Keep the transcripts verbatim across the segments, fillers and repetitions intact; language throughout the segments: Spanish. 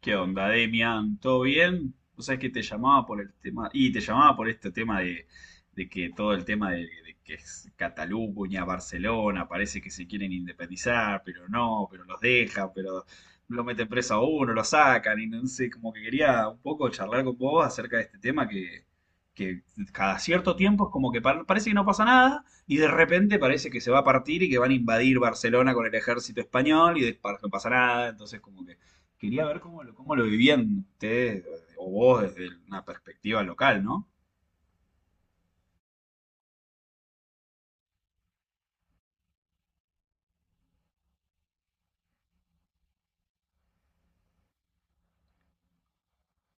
¿Qué onda, Demian? ¿Todo bien? O sea, que te llamaba por el tema, y te llamaba por este tema de, de que todo el tema de, de que es Cataluña, Barcelona, parece que se quieren independizar, pero no, pero los dejan, pero lo meten preso a uno, lo sacan, y no sé, como que quería un poco charlar con vos acerca de este tema que, que cada cierto tiempo es como que par- parece que no pasa nada, y de repente parece que se va a partir y que van a invadir Barcelona con el ejército español, y después no pasa nada, entonces como que quería ver cómo lo, cómo lo vivían ustedes o vos desde una perspectiva local, ¿no?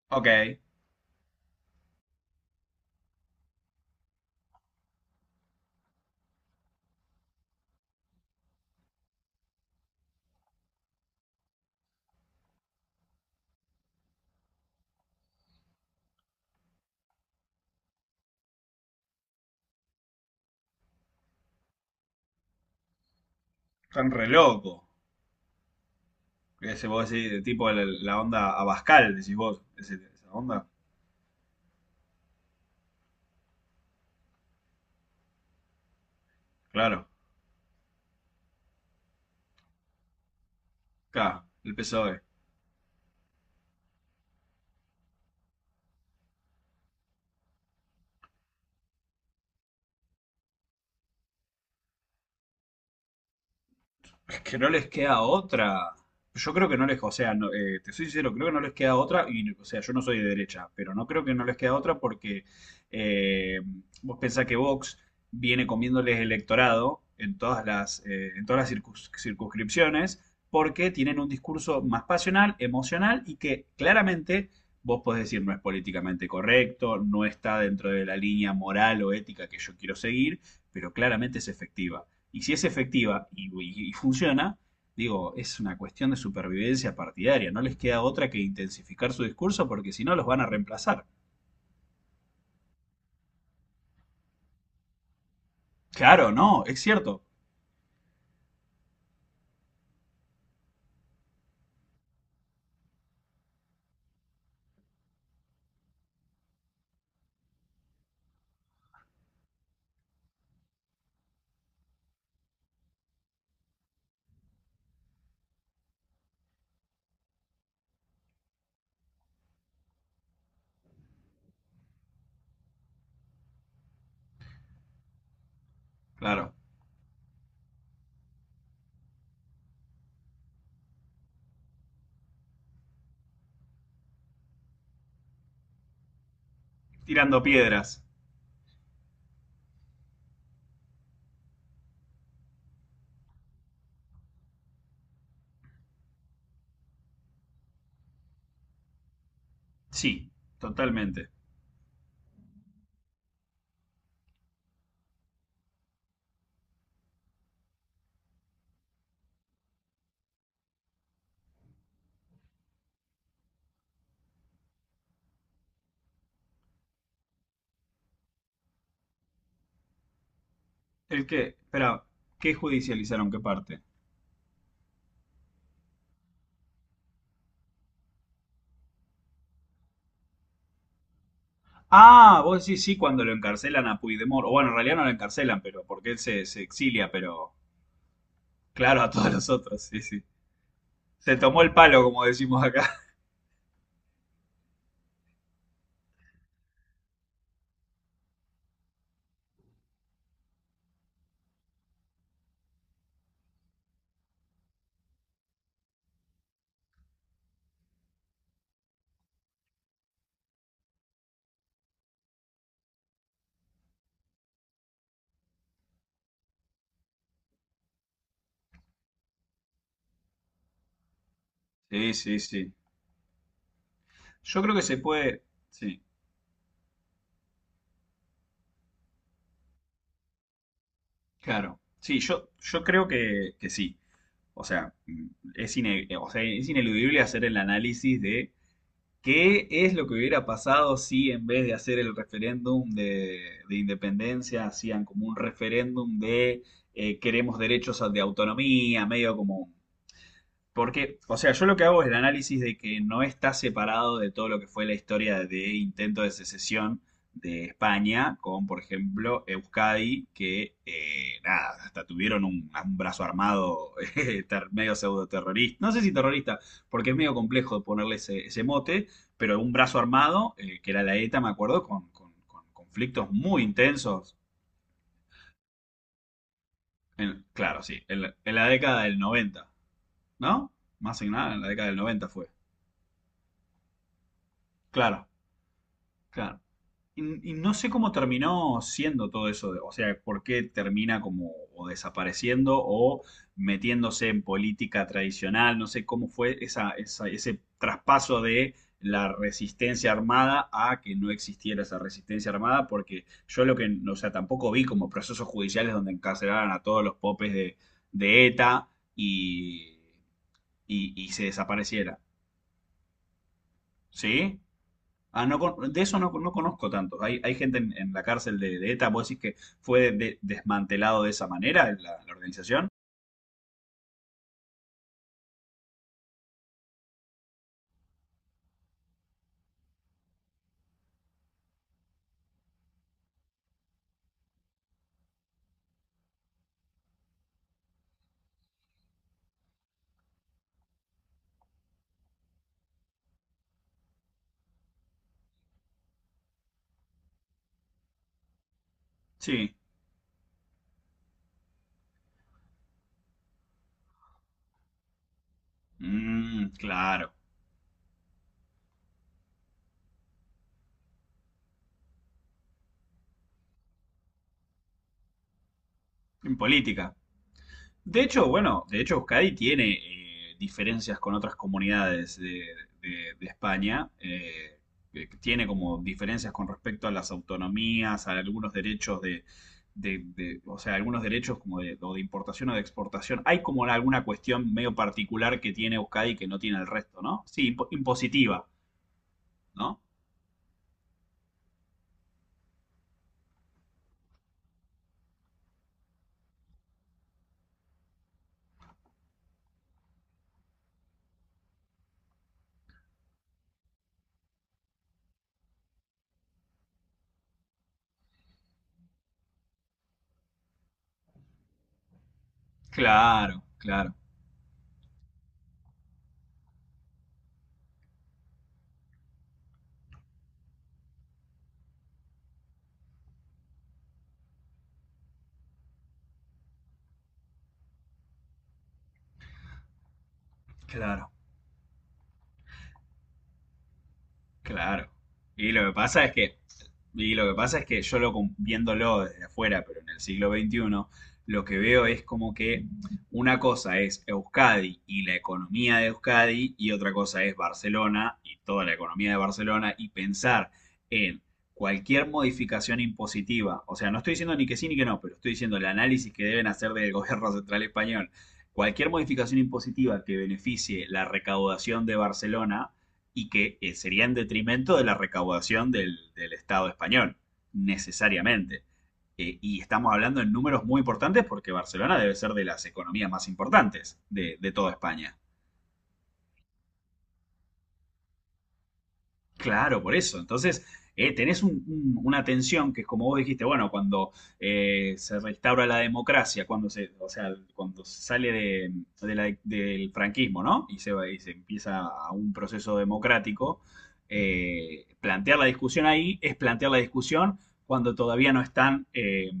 Ok, están re loco. Ese vos decís, tipo la, la onda Abascal, decís vos, ese- esa onda. Claro, acá, el P S O E. Es que no les queda otra. Yo creo que no les, o sea, no, eh, te soy sincero, creo que no les queda otra, y o sea, yo no soy de derecha, pero no creo que no les queda otra porque eh, vos pensás que Vox viene comiéndoles electorado en todas las, eh, en todas las circus- circunscripciones porque tienen un discurso más pasional, emocional y que claramente vos podés decir no es políticamente correcto, no está dentro de la línea moral o ética que yo quiero seguir, pero claramente es efectiva. Y si es efectiva y, y- y funciona, digo, es una cuestión de supervivencia partidaria. No les queda otra que intensificar su discurso porque si no los van a reemplazar. Claro, no, es cierto. Claro. Tirando piedras. Sí, totalmente. El que, espera, ¿qué judicializaron? ¿Qué parte? Ah, vos decís sí cuando lo encarcelan a Puigdemont. O bueno, en realidad no lo encarcelan, pero porque él se, se exilia, pero claro, a todos los otros, sí, sí. Se tomó el palo, como decimos acá. Sí, sí, sí. Yo creo que se puede, sí. Claro. Sí, yo, yo creo que, que sí. O sea, mm, es ine- o sea, es ineludible hacer el análisis de qué es lo que hubiera pasado si en vez de hacer el referéndum de, de, independencia hacían como un referéndum de eh, queremos derechos de autonomía, medio como porque, o sea, yo lo que hago es el análisis de que no está separado de todo lo que fue la historia de intento de secesión de España con, por ejemplo, Euskadi, que eh, nada, hasta tuvieron un, un brazo armado eh, ter- medio pseudo terrorista. No sé si terrorista, porque es medio complejo ponerle ese, ese mote, pero un brazo armado, eh, que era la E T A, me acuerdo, con, con- con conflictos muy intensos. En claro, sí, en la, en la década del noventa, ¿no? Más que nada, en la década del noventa fue. Claro. Claro. Y, y no sé cómo terminó siendo todo eso, de- o sea, por qué termina como o desapareciendo o metiéndose en política tradicional, no sé cómo fue esa, esa- ese traspaso de la resistencia armada a que no existiera esa resistencia armada, porque yo lo que, o sea, tampoco vi como procesos judiciales donde encarcelaran a todos los popes de, de E T A y, y, y se desapareciera, ¿sí? Ah, no, con- de eso no, no conozco tanto. Hay, hay gente en, en la cárcel de, de E T A, ¿vos decís que fue de- desmantelado de esa manera la, la organización? Sí. Mm, claro. En política. De hecho, bueno, de hecho Euskadi tiene eh, diferencias con otras comunidades de, de- de España, eh, que tiene como diferencias con respecto a las autonomías, a algunos derechos de, de- de- o sea, algunos derechos como de, o de importación o de exportación. Hay como alguna cuestión medio particular que tiene Euskadi que no tiene el resto, ¿no? Sí, impo- impositiva, ¿no? Claro, claro, claro. Claro. Y lo que pasa es que, y lo que pasa es que yo lo com- viéndolo desde afuera, pero en el siglo veintiuno, lo que veo es como que una cosa es Euskadi y la economía de Euskadi, y otra cosa es Barcelona y toda la economía de Barcelona, y pensar en cualquier modificación impositiva. O sea, no estoy diciendo ni que sí ni que no, pero estoy diciendo el análisis que deben hacer del gobierno central español. Cualquier modificación impositiva que beneficie la recaudación de Barcelona y que eh, sería en detrimento de la recaudación del, del Estado español, necesariamente. Eh, y estamos hablando en números muy importantes porque Barcelona debe ser de las economías más importantes de, de toda España. Claro, por eso. Entonces, eh, tenés un- un- una tensión que es como vos dijiste, bueno, cuando eh, se restaura la democracia, cuando se, o sea, cuando se sale de, de la del franquismo, ¿no? Y se, va- y se empieza a un proceso democrático, eh, plantear la discusión ahí es plantear la discusión cuando todavía no están eh,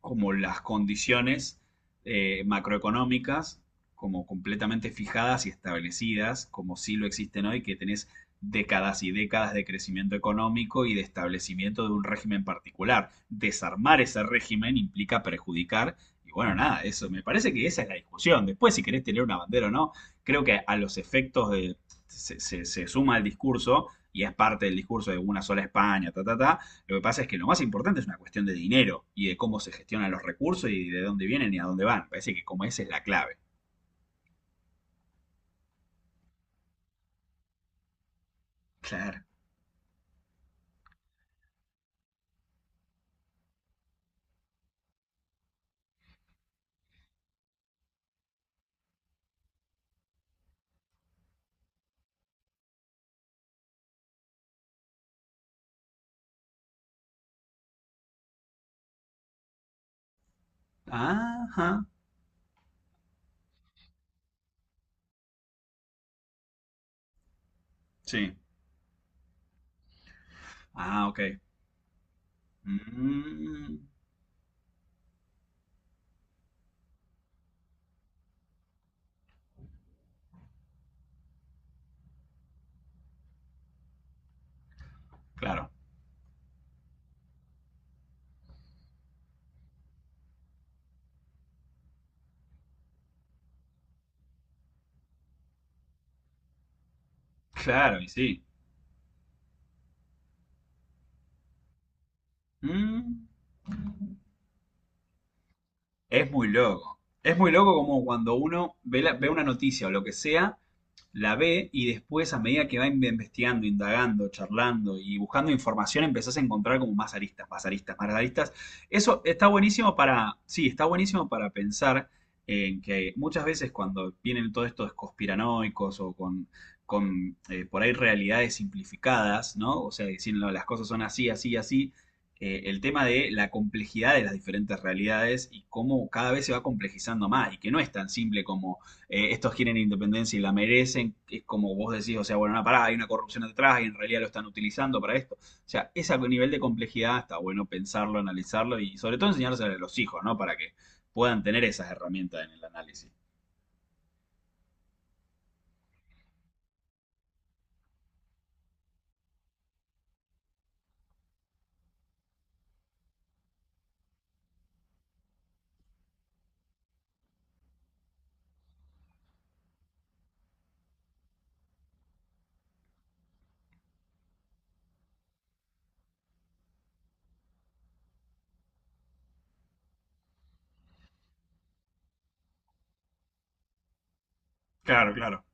como las condiciones eh, macroeconómicas como completamente fijadas y establecidas, como sí lo existen hoy, que tenés décadas y décadas de crecimiento económico y de establecimiento de un régimen particular. Desarmar ese régimen implica perjudicar. Y bueno, nada, eso me parece que esa es la discusión. Después, si querés tener una bandera o no, creo que a los efectos de, se, se- se suma el discurso y es parte del discurso de una sola España, ta, ta, ta. Lo que pasa es que lo más importante es una cuestión de dinero y de cómo se gestionan los recursos y de dónde vienen y a dónde van. Parece que como esa es la clave. Claro. Ajá. Sí. Ah, ok. Mm. Claro, claro, y sí. Mm, es muy loco. Es muy loco como cuando uno ve, la- ve una noticia o lo que sea, la ve y después a medida que va in- investigando, indagando, charlando y buscando información, empezás a encontrar como más aristas, más aristas, más aristas. Eso está buenísimo para, sí, está buenísimo para pensar en que muchas veces cuando vienen todos estos conspiranoicos o con, con eh, por ahí realidades simplificadas, ¿no? O sea, diciendo las cosas son así, así, así eh, el tema de la complejidad de las diferentes realidades y cómo cada vez se va complejizando más y que no es tan simple como eh, estos quieren independencia y la merecen, que es como vos decís, o sea, bueno, no, pará, hay una corrupción detrás y en realidad lo están utilizando para esto. O sea, ese nivel de complejidad está bueno pensarlo, analizarlo y sobre todo enseñárselo a los hijos, ¿no? Para que puedan tener esas herramientas en el análisis. Claro, claro.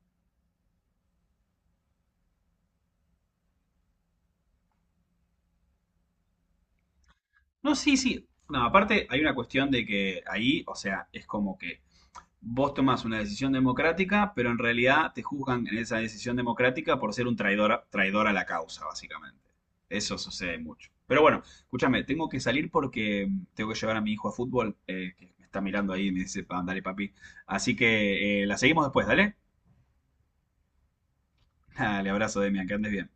No, sí, sí. No, aparte hay una cuestión de que ahí, o sea, es como que vos tomás una decisión democrática, pero en realidad te juzgan en esa decisión democrática por ser un traidor, a- traidor a la causa, básicamente. Eso sucede mucho. Pero bueno, escúchame, tengo que salir porque mm, tengo que llevar a mi hijo a fútbol, eh, que me está mirando ahí y me dice, "Pa- dale, papi." Así que eh, la seguimos después, dale. Dale, abrazo, Demian, que andes bien.